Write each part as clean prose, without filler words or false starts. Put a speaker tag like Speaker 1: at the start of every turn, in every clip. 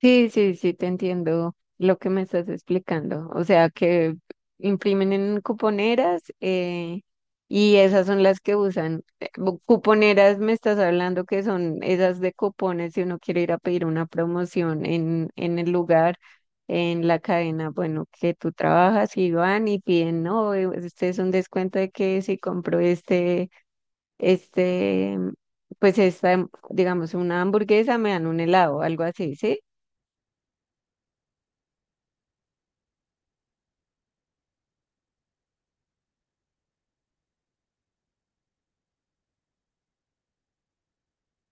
Speaker 1: Sí, sí, sí, te entiendo lo que me estás explicando. O sea, que imprimen en cuponeras y esas son las que usan. Cuponeras me estás hablando que son esas de cupones si uno quiere ir a pedir una promoción en el lugar, en la cadena, bueno, que tú trabajas y van y piden, no, este es un descuento de que si compro este, pues esta, digamos, una hamburguesa, me dan un helado, algo así, ¿sí?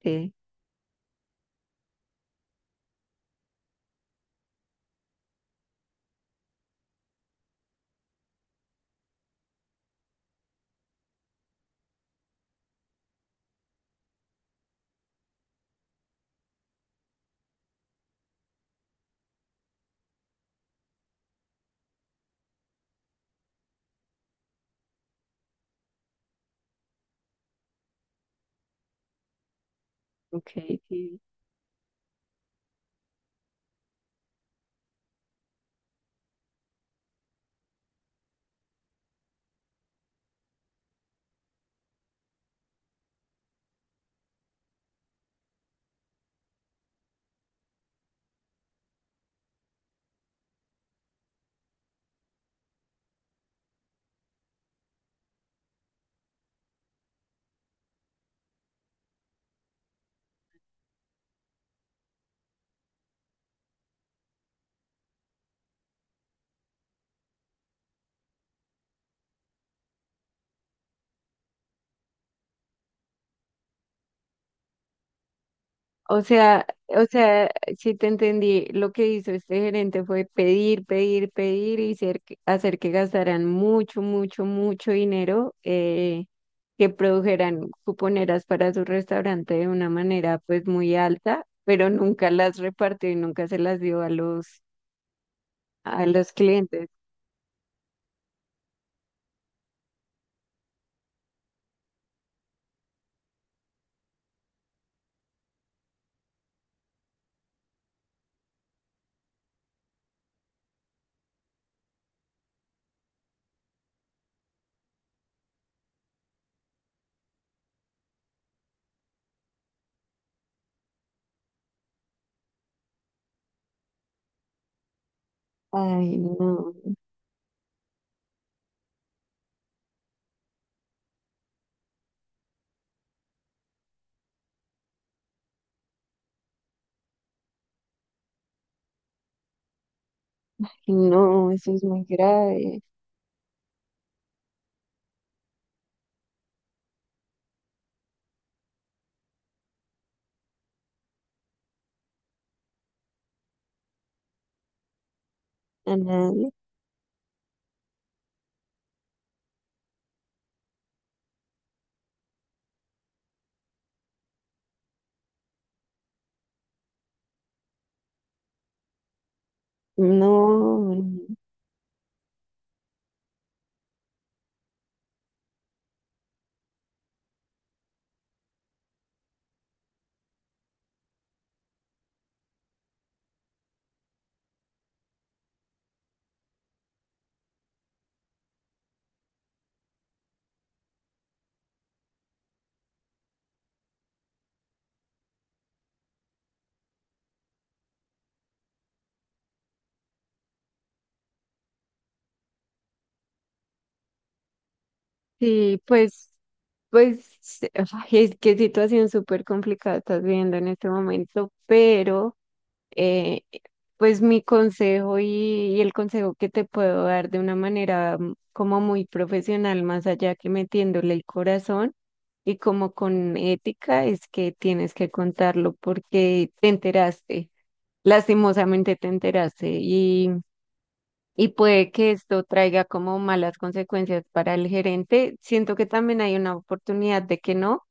Speaker 1: Sí. Okay, sí. O sea, sí te entendí. Lo que hizo este gerente fue pedir, pedir, pedir y hacer que gastaran mucho, mucho, mucho dinero, que produjeran cuponeras para su restaurante de una manera pues muy alta, pero nunca las repartió y nunca se las dio a a los clientes. Ay, no, no, eso es muy grave. A nadie. No. Sí, pues. Pues sí, ay, es que situación súper complicada estás viviendo en este momento, pero eh, pues mi consejo y el consejo que te puedo dar de una manera mm, como muy profesional, más allá que metiéndole el corazón y como con ética, es que tienes que contarlo porque te enteraste, lastimosamente te enteraste y... Y puede que esto traiga como malas consecuencias para el gerente. Siento que también hay una oportunidad de que no,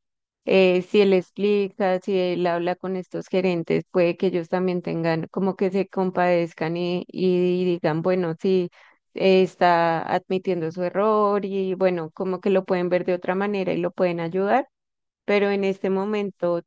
Speaker 1: si él explica, si él habla con estos gerentes, puede que ellos también tengan como que se compadezcan y digan, bueno, sí, está admitiendo su error y bueno, como que lo pueden ver de otra manera y lo pueden ayudar, pero en este momento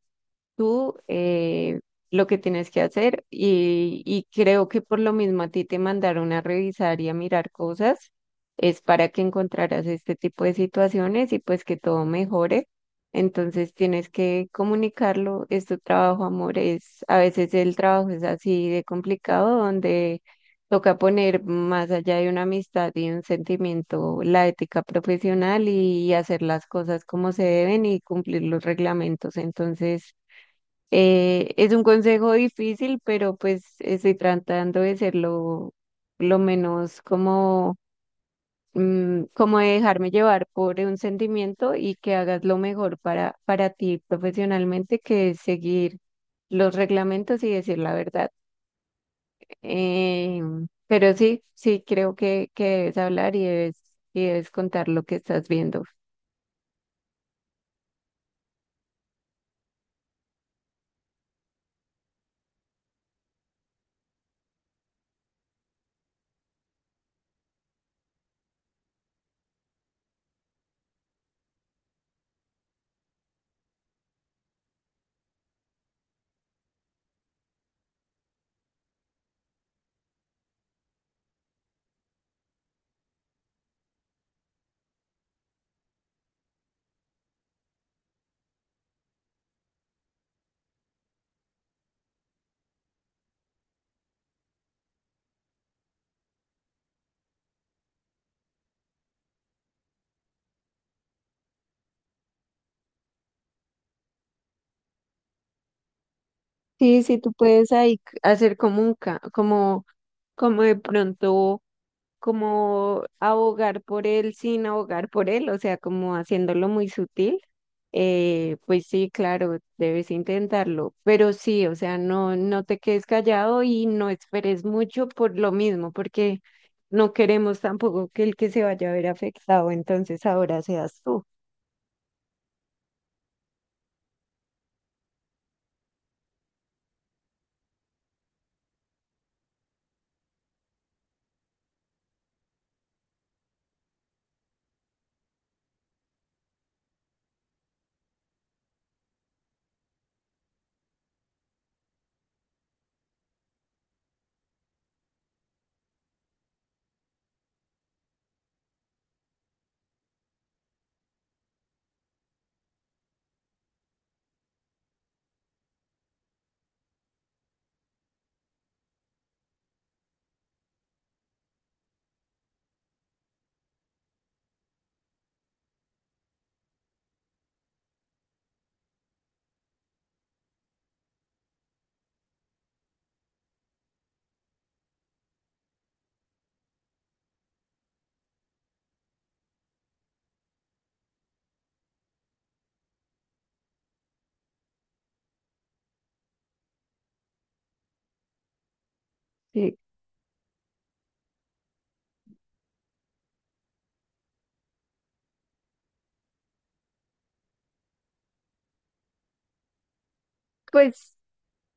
Speaker 1: tú lo que tienes que hacer y creo que por lo mismo a ti te mandaron a revisar y a mirar cosas, es para que encontraras este tipo de situaciones y pues que todo mejore. Entonces tienes que comunicarlo, es tu trabajo, amor, es, a veces el trabajo es así de complicado, donde toca poner más allá de una amistad y un sentimiento, la ética profesional y hacer las cosas como se deben y cumplir los reglamentos. Entonces, es un consejo difícil, pero pues estoy tratando de ser lo menos como, mm, como de dejarme llevar por un sentimiento y que hagas lo mejor para ti profesionalmente, que es seguir los reglamentos y decir la verdad. Eh, pero sí, sí, creo que debes hablar y debes contar lo que estás viendo. Sí, sí, tú puedes ahí hacer como como, como de pronto. Como abogar por él sin abogar por él, o sea, como haciéndolo muy sutil, pues sí, claro, debes intentarlo, pero sí, o sea, no, no te quedes callado y no esperes mucho por lo mismo, porque no queremos tampoco que el que se vaya a ver afectado, entonces ahora seas tú. Sí. Pues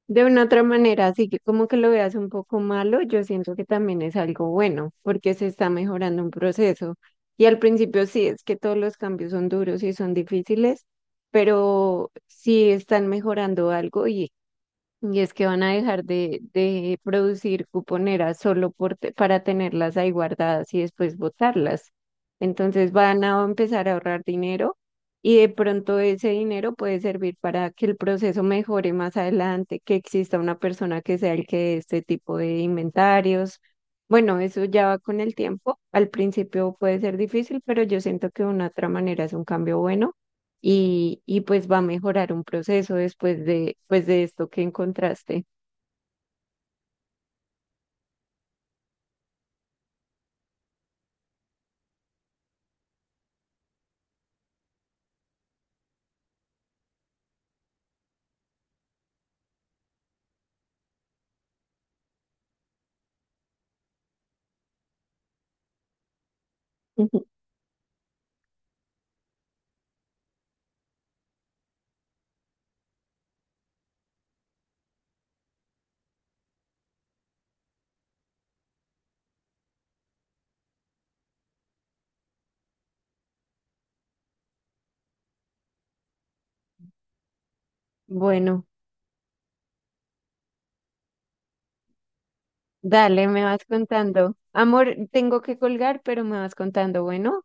Speaker 1: de una otra manera, así que como que lo veas un poco malo, yo siento que también es algo bueno, porque se está mejorando un proceso. Y al principio sí, es que todos los cambios son duros y son difíciles, pero sí están mejorando algo y es que van a dejar de producir cuponeras solo para tenerlas ahí guardadas y después botarlas. Entonces van a empezar a ahorrar dinero y de pronto ese dinero puede servir para que el proceso mejore más adelante, que exista una persona que sea el que dé este tipo de inventarios. Bueno, eso ya va con el tiempo. Al principio puede ser difícil, pero yo siento que de una otra manera es un cambio bueno y pues va a mejorar un proceso después de, pues de esto que encontraste. Bueno, dale, me vas contando. Amor, tengo que colgar, pero me vas contando, bueno.